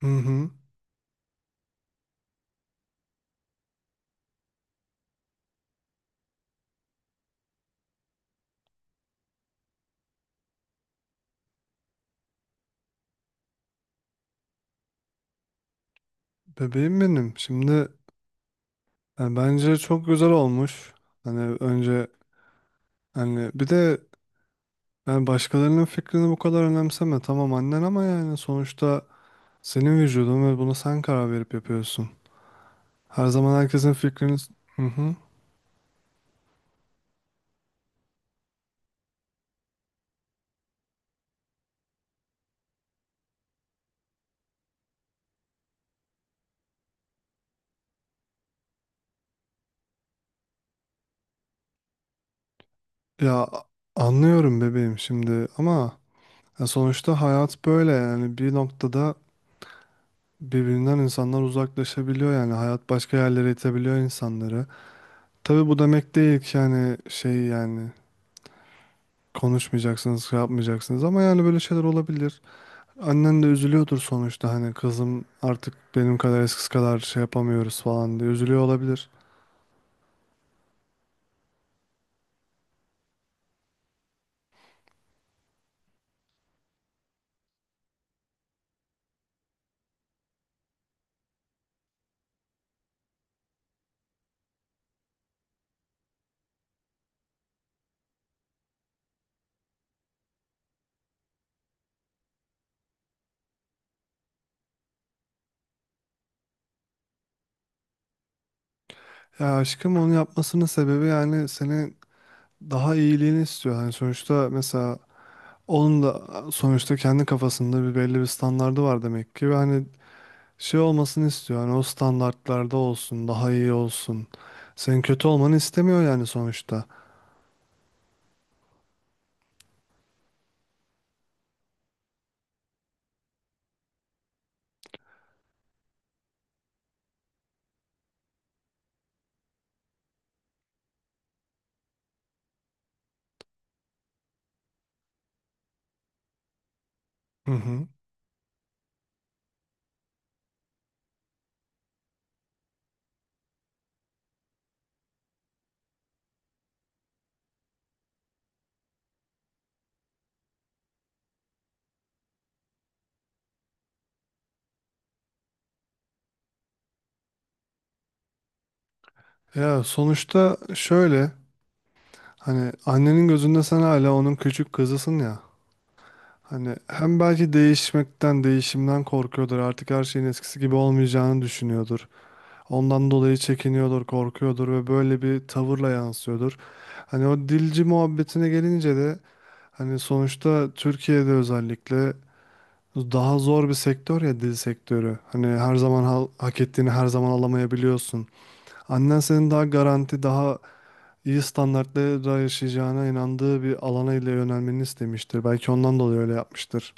Hı hı. Bebeğim benim. Şimdi yani bence çok güzel olmuş. Hani önce hani bir de Yani başkalarının fikrini bu kadar önemseme. Tamam annen ama yani sonuçta senin vücudun ve bunu sen karar verip yapıyorsun. Her zaman herkesin fikrini... Hı hı. Ya anlıyorum bebeğim şimdi ama ya sonuçta hayat böyle, yani bir noktada birbirinden insanlar uzaklaşabiliyor, yani hayat başka yerlere itebiliyor insanları. Tabii bu demek değil ki yani şey, yani konuşmayacaksınız, şey yapmayacaksınız ama yani böyle şeyler olabilir. Annen de üzülüyordur sonuçta, hani kızım artık benim kadar eskisi kadar şey yapamıyoruz falan diye üzülüyor olabilir. Ya aşkım, onu yapmasının sebebi yani senin daha iyiliğini istiyor. Hani sonuçta mesela onun da sonuçta kendi kafasında bir belli bir standardı var demek ki, ve hani şey olmasını istiyor. Hani o standartlarda olsun, daha iyi olsun. Senin kötü olmanı istemiyor yani sonuçta. Hı hı. Ya sonuçta şöyle, hani annenin gözünde sen hala onun küçük kızısın ya. Hani hem belki değişmekten, değişimden korkuyordur. Artık her şeyin eskisi gibi olmayacağını düşünüyordur. Ondan dolayı çekiniyordur, korkuyordur ve böyle bir tavırla yansıyordur. Hani o dilci muhabbetine gelince de, hani sonuçta Türkiye'de özellikle daha zor bir sektör ya dil sektörü. Hani her zaman hak ettiğini her zaman alamayabiliyorsun. Annen senin daha garanti, daha iyi standartlara yaşayacağına inandığı bir alana ile yönelmeni istemiştir. Belki ondan dolayı öyle yapmıştır.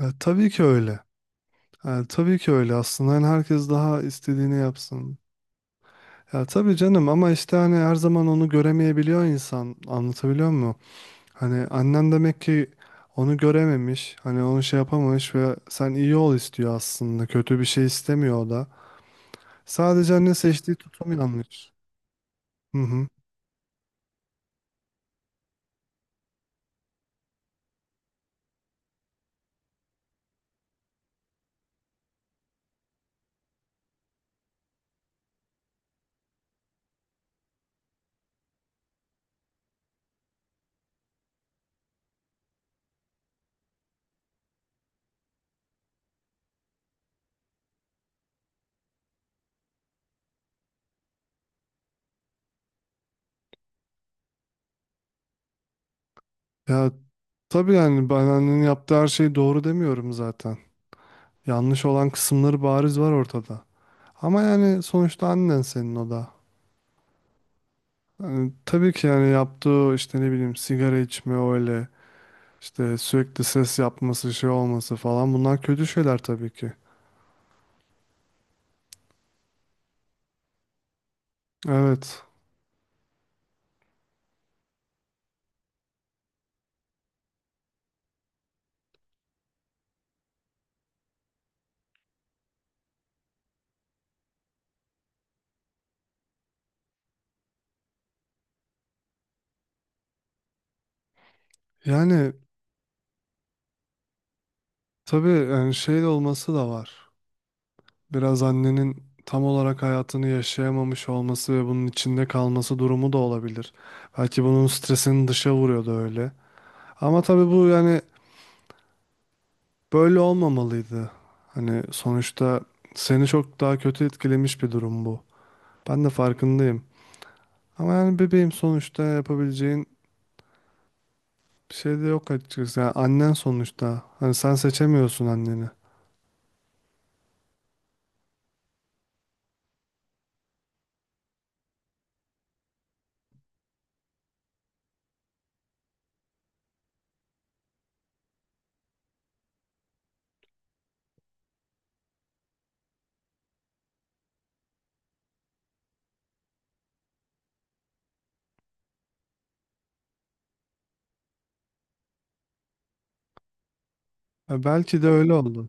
E, tabii ki öyle. E, tabii ki öyle aslında. Yani herkes daha istediğini yapsın. Ya tabii canım, ama işte hani her zaman onu göremeyebiliyor insan. Anlatabiliyor muyum? Hani annen demek ki onu görememiş. Hani onu şey yapamamış ve sen iyi ol istiyor aslında. Kötü bir şey istemiyor o da. Sadece anne seçtiği tutum yanlış. Hı hı. Ya tabii yani, ben annenin yaptığı her şey doğru demiyorum zaten. Yanlış olan kısımları bariz var ortada. Ama yani sonuçta annen senin o da. Yani tabii ki yani yaptığı işte ne bileyim, sigara içme, öyle işte sürekli ses yapması, şey olması falan, bunlar kötü şeyler tabii ki. Evet. Yani tabii yani şey de olması da var. Biraz annenin tam olarak hayatını yaşayamamış olması ve bunun içinde kalması durumu da olabilir. Belki bunun stresini dışa vuruyordu öyle. Ama tabii bu yani böyle olmamalıydı. Hani sonuçta seni çok daha kötü etkilemiş bir durum bu. Ben de farkındayım. Ama yani bebeğim sonuçta yapabileceğin bir şey de yok açıkçası. Yani annen sonuçta. Hani sen seçemiyorsun anneni. Ya belki de öyle oldu.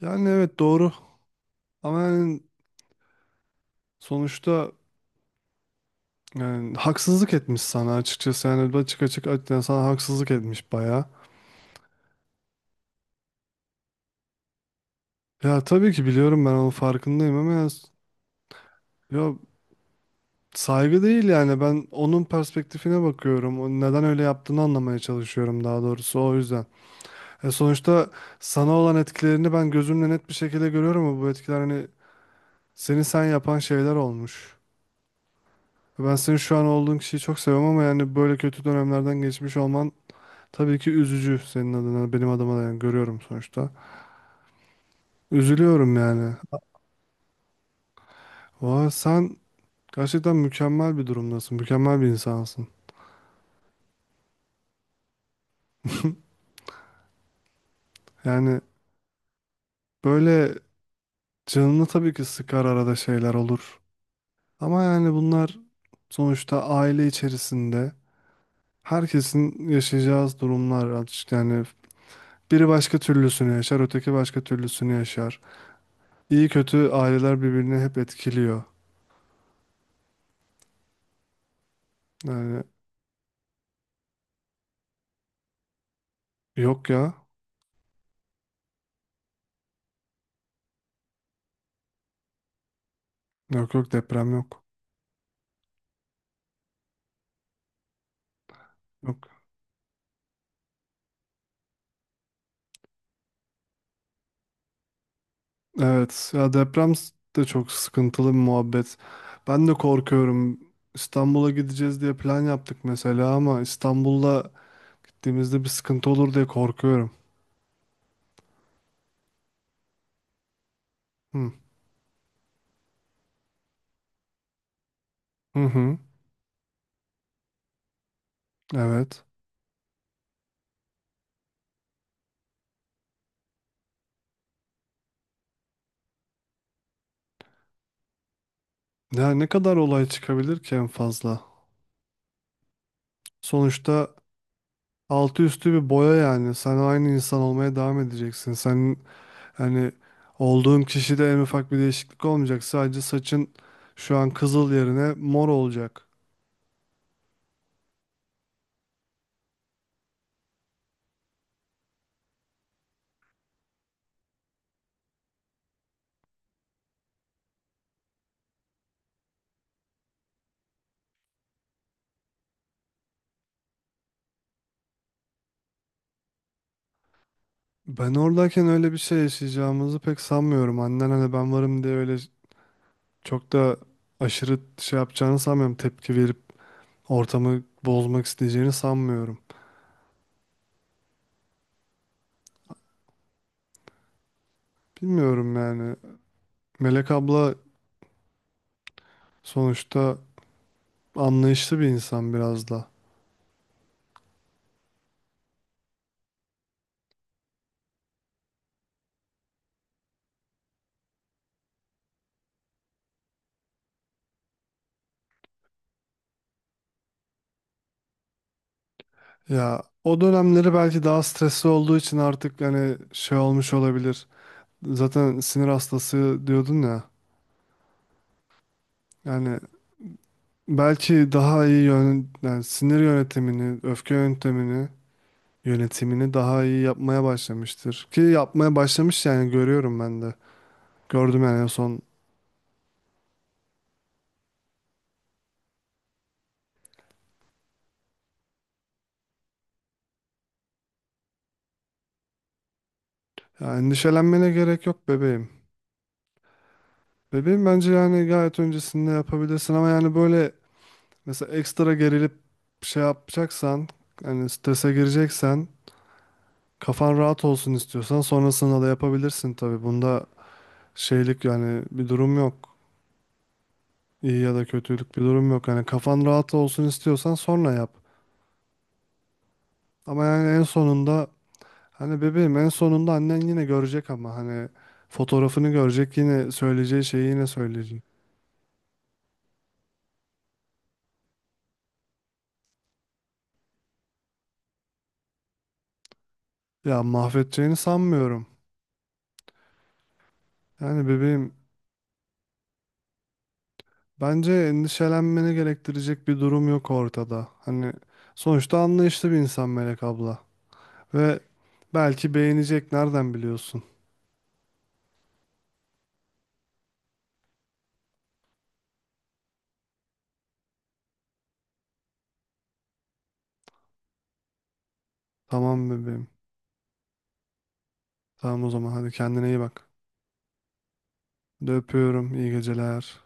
Yani evet doğru. Ama yani sonuçta yani haksızlık etmiş sana açıkçası. Yani açık açık açık sana haksızlık etmiş bayağı. Ya tabii ki biliyorum, ben onun farkındayım ama ya, saygı değil yani, ben onun perspektifine bakıyorum. O neden öyle yaptığını anlamaya çalışıyorum daha doğrusu, o yüzden. E sonuçta sana olan etkilerini ben gözümle net bir şekilde görüyorum, ama bu etkiler hani seni sen yapan şeyler olmuş. Ben senin şu an olduğun kişiyi çok seviyorum, ama yani böyle kötü dönemlerden geçmiş olman tabii ki üzücü, senin adına, benim adıma da yani görüyorum sonuçta. Üzülüyorum yani. Vay, sen gerçekten mükemmel bir durumdasın. Mükemmel bir insansın. Yani böyle canını tabii ki sıkar, arada şeyler olur. Ama yani bunlar sonuçta aile içerisinde herkesin yaşayacağı durumlar artık. Yani biri başka türlüsünü yaşar, öteki başka türlüsünü yaşar. İyi kötü aileler birbirini hep etkiliyor. Yani yok ya. Yok yok, deprem yok. Yok. Evet ya, deprem de çok sıkıntılı bir muhabbet. Ben de korkuyorum. İstanbul'a gideceğiz diye plan yaptık mesela, ama İstanbul'da gittiğimizde bir sıkıntı olur diye korkuyorum. Hı hı. Hı. Evet. Ya ne kadar olay çıkabilir ki en fazla? Sonuçta altı üstü bir boya yani. Sen aynı insan olmaya devam edeceksin. Sen hani olduğun kişide en ufak bir değişiklik olmayacak. Sadece saçın şu an kızıl yerine mor olacak. Ben oradayken öyle bir şey yaşayacağımızı pek sanmıyorum. Annen hani ben varım diye öyle çok da aşırı şey yapacağını sanmıyorum. Tepki verip ortamı bozmak isteyeceğini sanmıyorum. Bilmiyorum yani. Melek abla sonuçta anlayışlı bir insan biraz da. Ya o dönemleri belki daha stresli olduğu için artık hani şey olmuş olabilir. Zaten sinir hastası diyordun ya. Yani belki daha iyi yani sinir yönetimini, öfke yönetimini daha iyi yapmaya başlamıştır. Ki yapmaya başlamış yani, görüyorum ben de. Gördüm yani en son. Ya endişelenmene gerek yok bebeğim. Bebeğim bence yani gayet öncesinde yapabilirsin, ama yani böyle mesela ekstra gerilip şey yapacaksan, hani strese gireceksen, kafan rahat olsun istiyorsan sonrasında da yapabilirsin tabii. Bunda şeylik yani bir durum yok. İyi ya da kötülük bir durum yok. Hani kafan rahat olsun istiyorsan sonra yap. Ama yani en sonunda, hani bebeğim en sonunda annen yine görecek ama hani fotoğrafını görecek, yine söyleyeceği şeyi yine söyleyecek. Ya mahvedeceğini sanmıyorum. Yani bebeğim bence endişelenmeni gerektirecek bir durum yok ortada. Hani sonuçta anlayışlı bir insan Melek abla. Ve belki beğenecek, nereden biliyorsun? Tamam bebeğim. Tamam o zaman, hadi kendine iyi bak. Hadi, öpüyorum. İyi geceler.